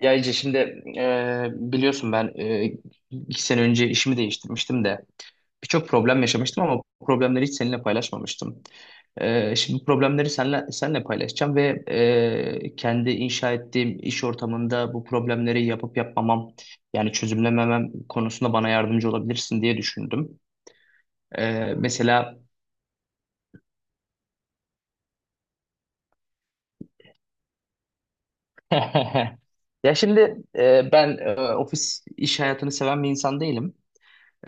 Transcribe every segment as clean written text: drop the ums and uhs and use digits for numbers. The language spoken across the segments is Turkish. Ya Ece şimdi biliyorsun ben 2 sene önce işimi değiştirmiştim de birçok problem yaşamıştım ama bu problemleri hiç seninle paylaşmamıştım. Şimdi bu problemleri seninle paylaşacağım ve kendi inşa ettiğim iş ortamında bu problemleri yapıp yapmamam yani çözümlememem konusunda bana yardımcı olabilirsin diye düşündüm. Mesela ya şimdi ben ofis iş hayatını seven bir insan değilim.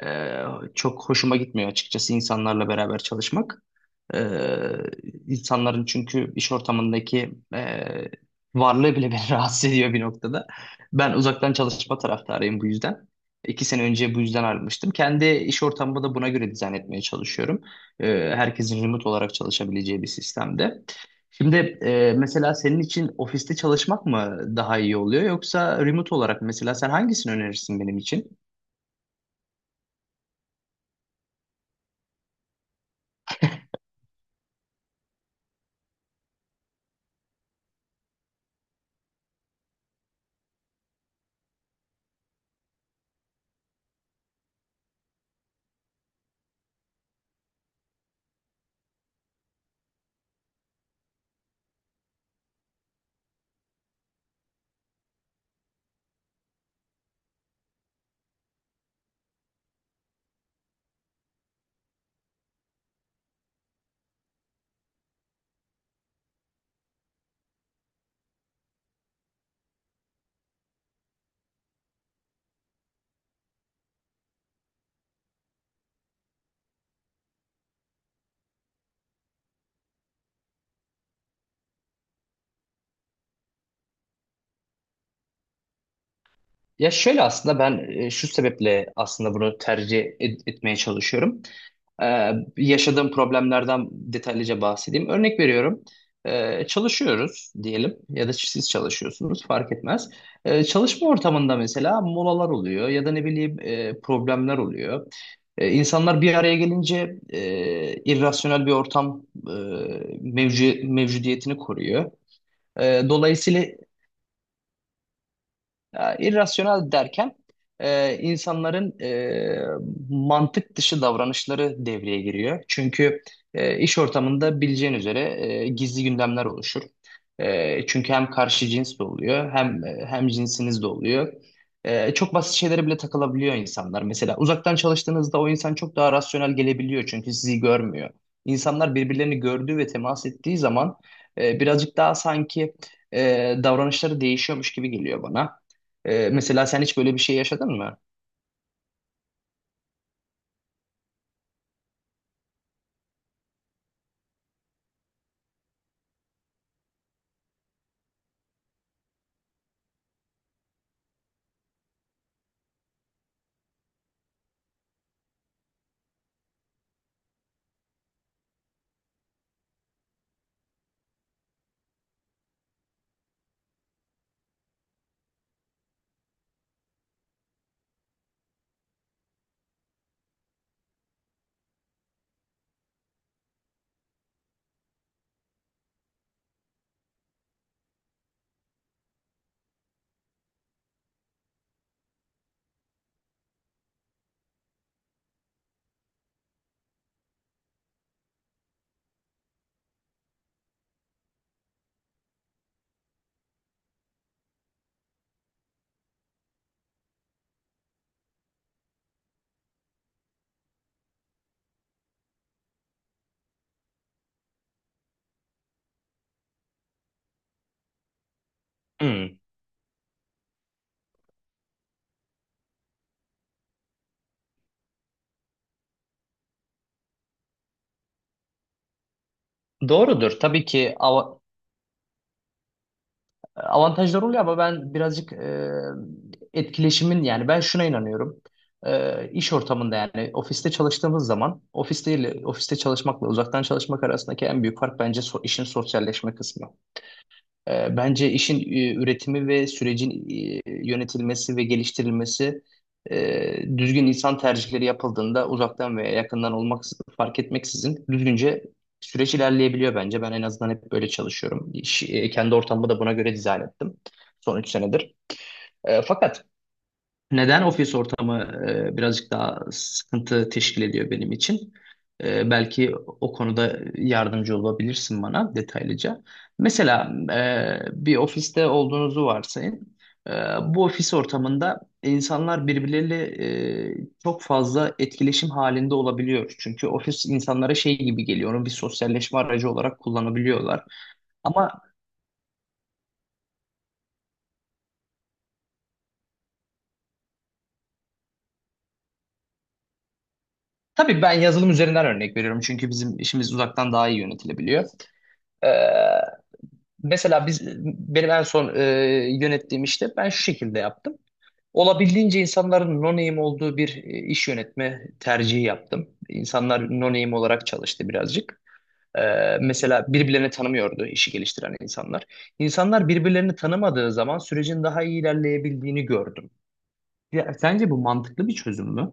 Ee, Çok hoşuma gitmiyor açıkçası insanlarla beraber çalışmak. Ee, insanların çünkü iş ortamındaki varlığı bile beni rahatsız ediyor bir noktada. Ben uzaktan çalışma taraftarıyım bu yüzden. İki sene önce bu yüzden ayrılmıştım. Kendi iş ortamımı da buna göre dizayn etmeye çalışıyorum. Ee, Herkesin remote olarak çalışabileceği bir sistemde. Şimdi mesela senin için ofiste çalışmak mı daha iyi oluyor yoksa remote olarak mesela sen hangisini önerirsin benim için? Ya şöyle aslında ben şu sebeple aslında bunu etmeye çalışıyorum. Ee, Yaşadığım problemlerden detaylıca bahsedeyim. Örnek veriyorum. Çalışıyoruz diyelim ya da siz çalışıyorsunuz fark etmez. Çalışma ortamında mesela molalar oluyor ya da ne bileyim problemler oluyor. İnsanlar bir araya gelince irrasyonel bir ortam mevcudiyetini koruyor. Dolayısıyla ya, irrasyonel derken insanların mantık dışı davranışları devreye giriyor. Çünkü iş ortamında bileceğin üzere gizli gündemler oluşur. Çünkü hem karşı cins de oluyor hem cinsiniz de oluyor. Çok basit şeylere bile takılabiliyor insanlar. Mesela uzaktan çalıştığınızda o insan çok daha rasyonel gelebiliyor çünkü sizi görmüyor. İnsanlar birbirlerini gördüğü ve temas ettiği zaman birazcık daha sanki e, davranışları değişiyormuş gibi geliyor bana. Mesela sen hiç böyle bir şey yaşadın mı? Hmm. Doğrudur. Tabii ki avantajlar oluyor ama ben birazcık etkileşimin yani ben şuna inanıyorum. İş ortamında yani ofiste çalıştığımız zaman ofiste ile ofiste çalışmakla uzaktan çalışmak arasındaki en büyük fark bence işin sosyalleşme kısmı. Bence işin üretimi ve sürecin yönetilmesi ve geliştirilmesi düzgün insan tercihleri yapıldığında uzaktan veya yakından olmak fark etmeksizin düzgünce süreç ilerleyebiliyor bence. Ben en azından hep böyle çalışıyorum. Kendi ortamımı da buna göre dizayn ettim son 3 senedir. Fakat neden ofis ortamı birazcık daha sıkıntı teşkil ediyor benim için? Belki o konuda yardımcı olabilirsin bana detaylıca. Mesela bir ofiste olduğunuzu varsayın. E, Bu ofis ortamında insanlar birbirleriyle çok fazla etkileşim halinde olabiliyor. Çünkü ofis insanlara şey gibi geliyor, onu bir sosyalleşme aracı olarak kullanabiliyorlar. Ama tabii ben yazılım üzerinden örnek veriyorum çünkü bizim işimiz uzaktan daha iyi yönetilebiliyor. Ee, Mesela biz benim en son yönettiğim işte ben şu şekilde yaptım. Olabildiğince insanların no name olduğu bir iş yönetme tercihi yaptım. İnsanlar no name olarak çalıştı birazcık. E, Mesela birbirlerini tanımıyordu işi geliştiren insanlar. İnsanlar birbirlerini tanımadığı zaman sürecin daha iyi ilerleyebildiğini gördüm. Ya, sence bu mantıklı bir çözüm mü?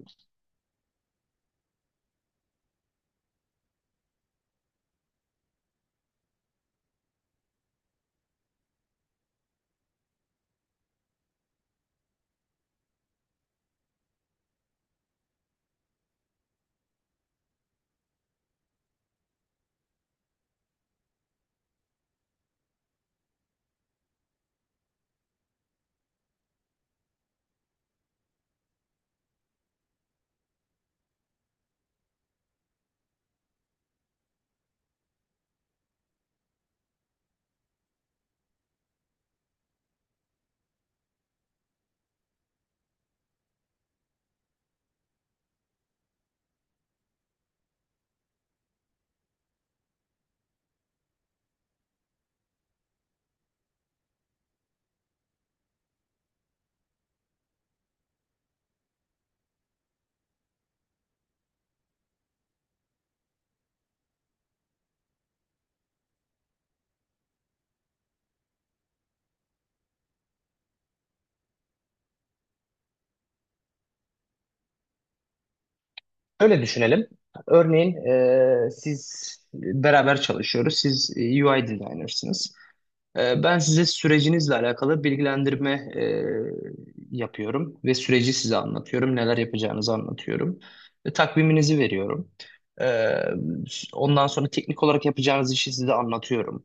Öyle düşünelim. Örneğin siz beraber çalışıyoruz. Siz UI designer'sınız. Ben size sürecinizle alakalı bilgilendirme yapıyorum ve süreci size anlatıyorum, neler yapacağınızı anlatıyorum, ve takviminizi veriyorum. Ee, Ondan sonra teknik olarak yapacağınız işi size anlatıyorum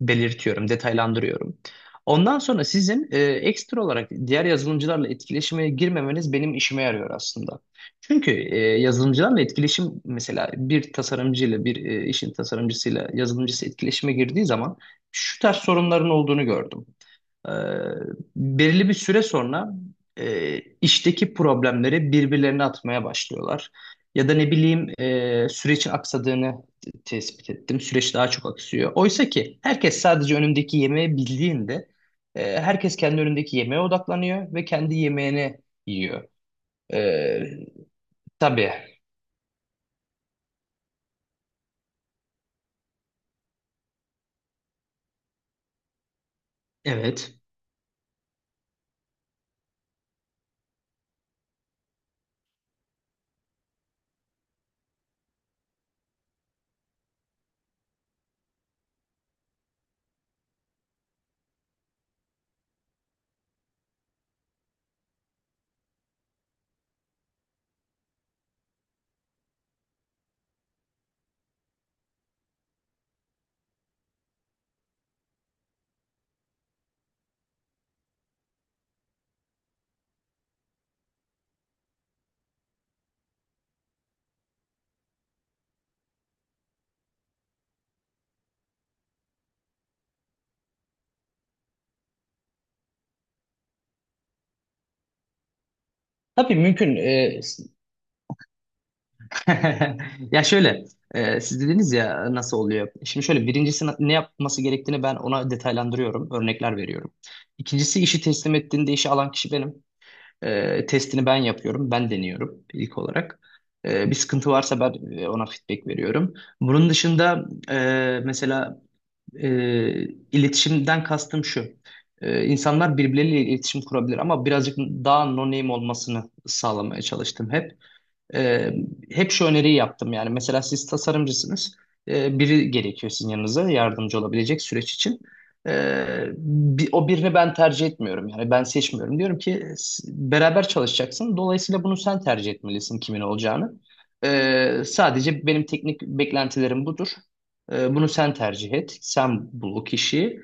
belirtiyorum, detaylandırıyorum. Ondan sonra sizin ekstra olarak diğer yazılımcılarla etkileşime girmemeniz benim işime yarıyor aslında. Çünkü yazılımcılarla etkileşim mesela bir tasarımcıyla bir işin tasarımcısıyla yazılımcısı etkileşime girdiği zaman şu tarz sorunların olduğunu gördüm. Ee, Belirli bir süre sonra işteki problemleri birbirlerine atmaya başlıyorlar. Ya da ne bileyim sürecin aksadığını tespit ettim. Süreç daha çok aksıyor. Oysa ki herkes sadece önündeki yemeği bildiğinde herkes kendi önündeki yemeğe odaklanıyor ve kendi yemeğini yiyor. Ee, tabii. Evet. Tabii mümkün. Ya şöyle, siz dediniz ya nasıl oluyor? Şimdi şöyle birincisi ne yapması gerektiğini ben ona detaylandırıyorum, örnekler veriyorum. İkincisi işi teslim ettiğinde işi alan kişi benim. Testini ben yapıyorum, ben deniyorum ilk olarak. Bir sıkıntı varsa ben ona feedback veriyorum. Bunun dışında mesela e, iletişimden kastım şu. İnsanlar birbirleriyle iletişim kurabilir ama birazcık daha no name olmasını sağlamaya çalıştım hep. Ee, Hep şu öneriyi yaptım yani mesela siz tasarımcısınız. Biri gerekiyor sizin yanınıza yardımcı olabilecek süreç için. Ee, O birini ben tercih etmiyorum yani ben seçmiyorum diyorum ki beraber çalışacaksın dolayısıyla bunu sen tercih etmelisin kimin olacağını. Sadece benim teknik beklentilerim budur. Bunu sen tercih et sen bul o kişiyi.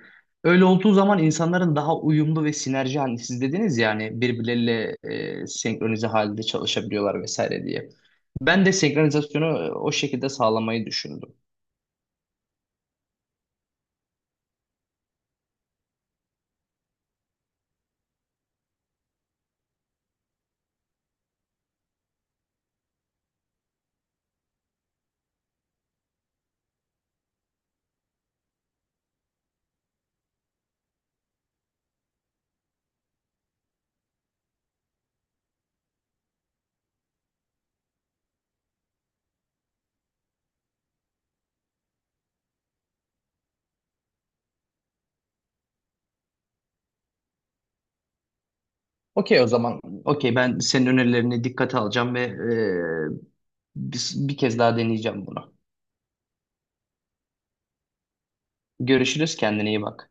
Öyle olduğu zaman insanların daha uyumlu ve sinerji hani siz dediniz yani birbirleriyle senkronize halde çalışabiliyorlar vesaire diye. Ben de senkronizasyonu o şekilde sağlamayı düşündüm. Okey o zaman okey ben senin önerilerini dikkate alacağım ve bir kez daha deneyeceğim bunu. Görüşürüz kendine iyi bak.